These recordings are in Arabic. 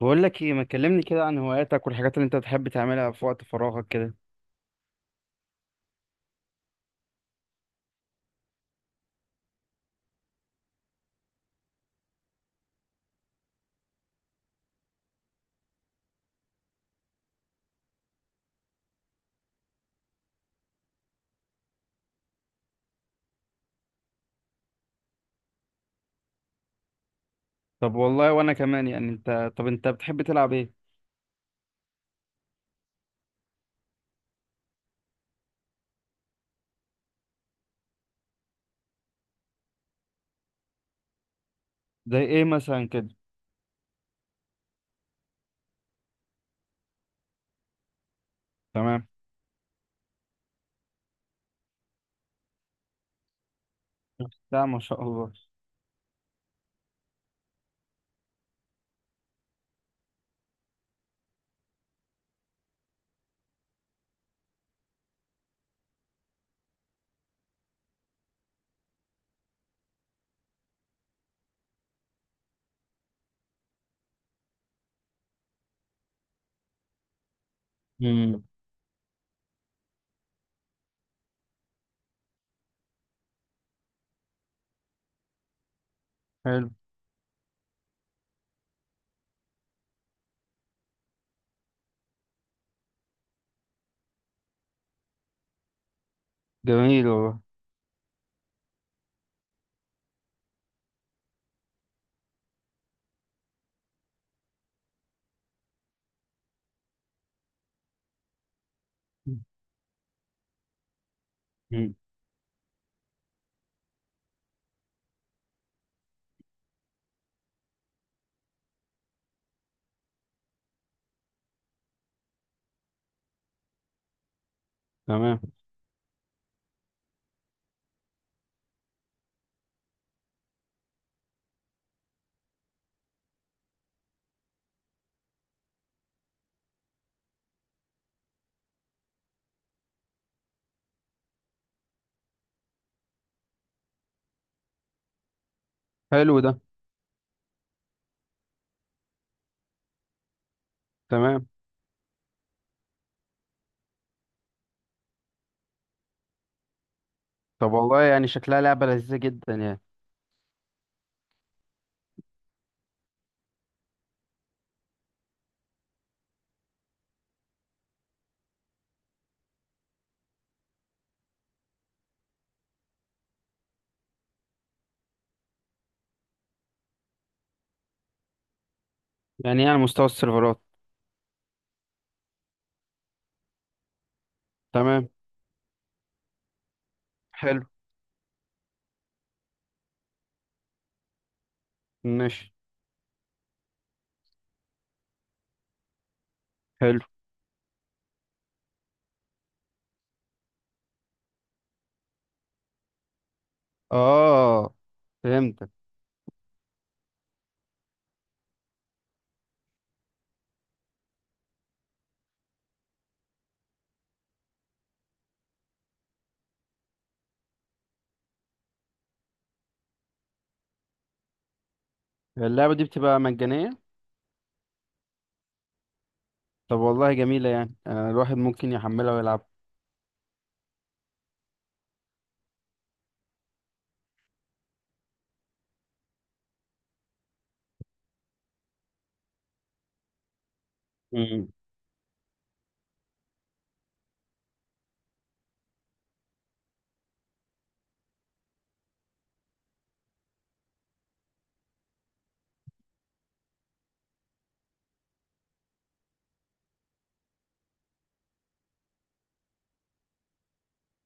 بقول لك ايه، ما تكلمني كده عن هواياتك والحاجات اللي انت بتحب تعملها في وقت فراغك كده؟ طب والله وانا كمان. يعني انت بتحب تلعب ايه؟ زي ايه مثلا كده؟ تمام. لا ما شاء الله. امم. حلو. جميل والله. مم. تمام. حلو ده. تمام. طب والله يعني شكلها لعبة لذيذة جدا يعني. يعني ايه على مستوى السيرفرات؟ تمام. حلو. ماشي. حلو. اه، فهمتك. اللعبة دي بتبقى مجانية؟ طب والله جميلة يعني، الواحد ممكن يحملها ويلعبها.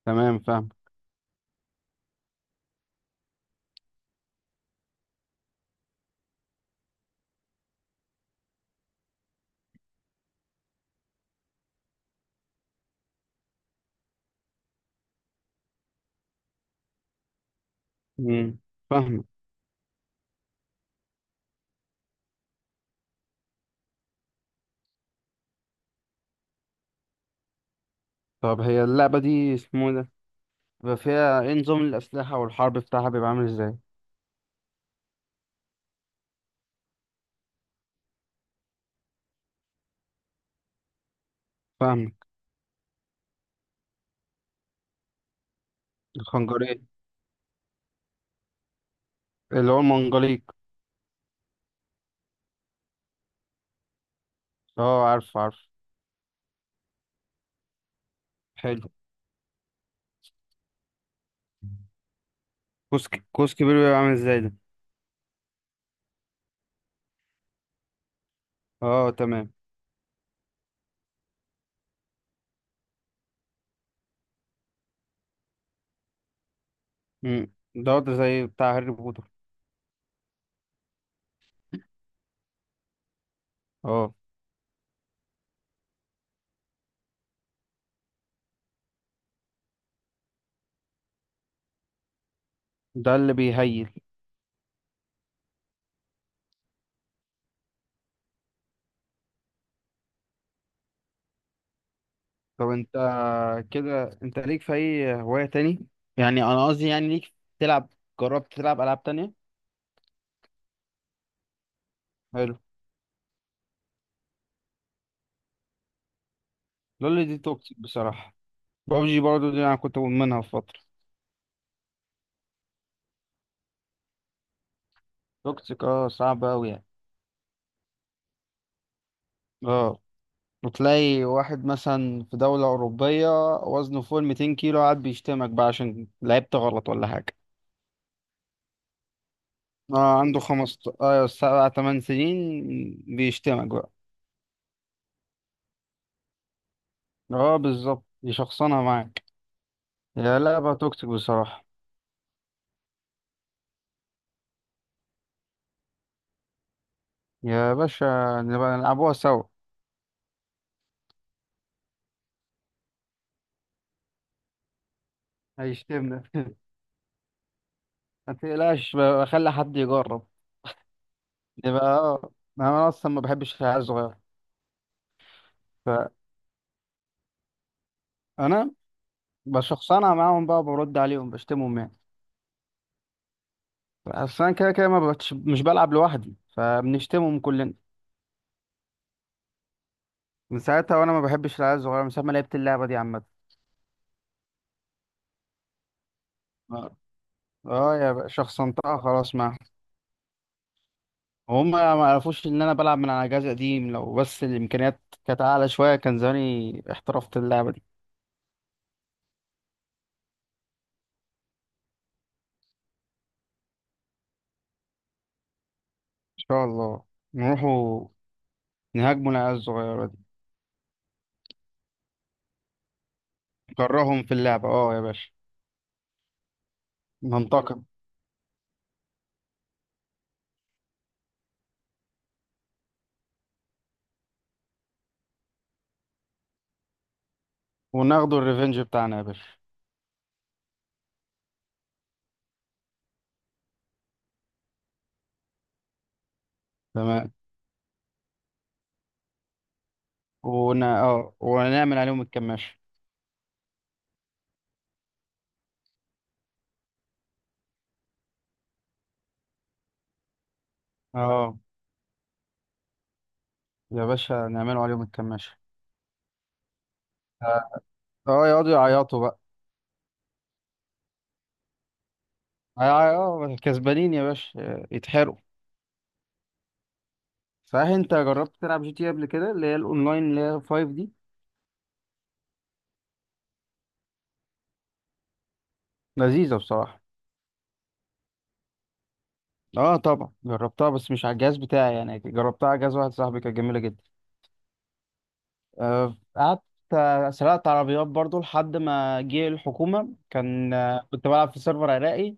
تمام، فاهم. مم. فاهم. طب هي اللعبة دي اسمه إيه ده؟ بيبقى فيها ايه نظام الأسلحة والحرب بتاعها بيبقى عامل ازاي؟ فاهمك. الخنجرية. اللي هو المنجليق. اه، عارف عارف. حلو. كوس كبير بيبقى عامل ازاي ده؟ اه تمام. مم. ده زي بتاع هاري بوتر. اه. ده اللي بيهيل. طب انت، كده انت ليك في اي هواية تاني؟ يعني انا قصدي، يعني ليك تلعب، جربت تلعب ألعاب تانية؟ حلو. لول دي توكسيك بصراحة. بابجي برضه دي انا كنت مدمنها في فترة. توكسيك صعب أوي يعني. اه، وتلاقي واحد مثلا في دولة أوروبية وزنه فوق ال 200 كيلو قاعد بيشتمك بقى عشان لعبت غلط ولا حاجة. اه، عنده خمس اه سبع تمن سنين، بيشتمك بقى. اه، بالظبط يشخصنها معاك. يا لعبة توكسيك بصراحة. يا باشا، نبقى نلعبوها سوا. هيشتمنا ما تقلقش بقى، اخلي حد يجرب. يبقى اه. انا اصلا ما بحبش العيال الصغيرة. فانا بشخصنها معاهم بقى، برد عليهم بشتمهم يعني. بس انا كده كده ما بتش... مش بلعب لوحدي، فبنشتمهم كلنا. من ساعتها وانا ما بحبش العيال الصغيره، من ساعه ما لعبت اللعبه دي عامه. اه اه، يا بقى شخصنتها خلاص معاهم. وهم ما عرفوش ان انا بلعب من على جهاز قديم. لو بس الامكانيات كانت اعلى شويه كان زماني احترفت اللعبه دي. ان شاء الله. نروحوا نهاجموا العيال الصغيره دي. نكرههم في اللعبه، اه يا باشا. ننتقم، وناخدوا الريفنج بتاعنا يا باشا. تمام. ون... اه ونعمل عليهم الكماشة. اه يا باشا، نعملوا عليهم الكماشة. اه، يقعدوا يعيطوا بقى. كسبانين يا باشا، يتحرقوا. صحيح، انت جربت تلعب جي تي قبل كده؟ اللي هي الاونلاين اللي هي 5 دي. لذيذه بصراحه. اه طبعا جربتها، بس مش على الجهاز بتاعي يعني، جربتها على جهاز واحد صاحبي، كانت جميله جدا. قعدت، سرقت عربيات برضو لحد ما جه الحكومه، كان كنت بلعب في سيرفر عراقي.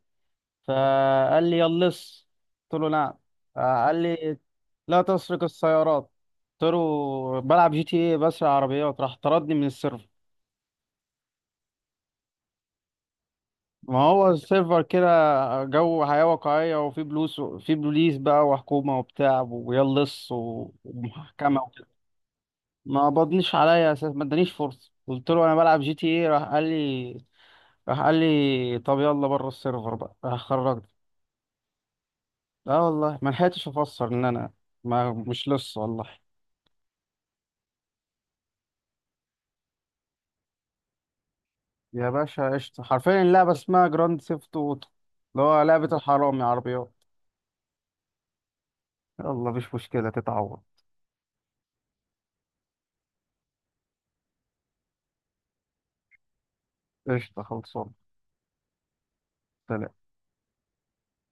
فقال لي: يا اللص. قلت له: نعم. قال لي: لا تسرق السيارات. قلت له: بلعب جي تي ايه، بسرق عربيات. راح طردني من السيرفر. ما هو السيرفر كده، جو حياة واقعية، وفي بلوس في بوليس بقى وحكومة وبتاع ويا اللص ومحكمة وكده. ما قبضنيش عليا اساس، ما ادانيش فرصة، قلت له انا بلعب جي تي ايه، راح قال لي: طب يلا بره السيرفر بقى. راح خرجني. لا والله ما لحقتش افسر ان انا ما مش لص والله. يا باشا قشطة. حرفيا اللعبة اسمها جراند سيفت اوتو، اللي هو لعبة الحرامي عربيات. يلا مفيش مشكلة، تتعوض. قشطة خلصان.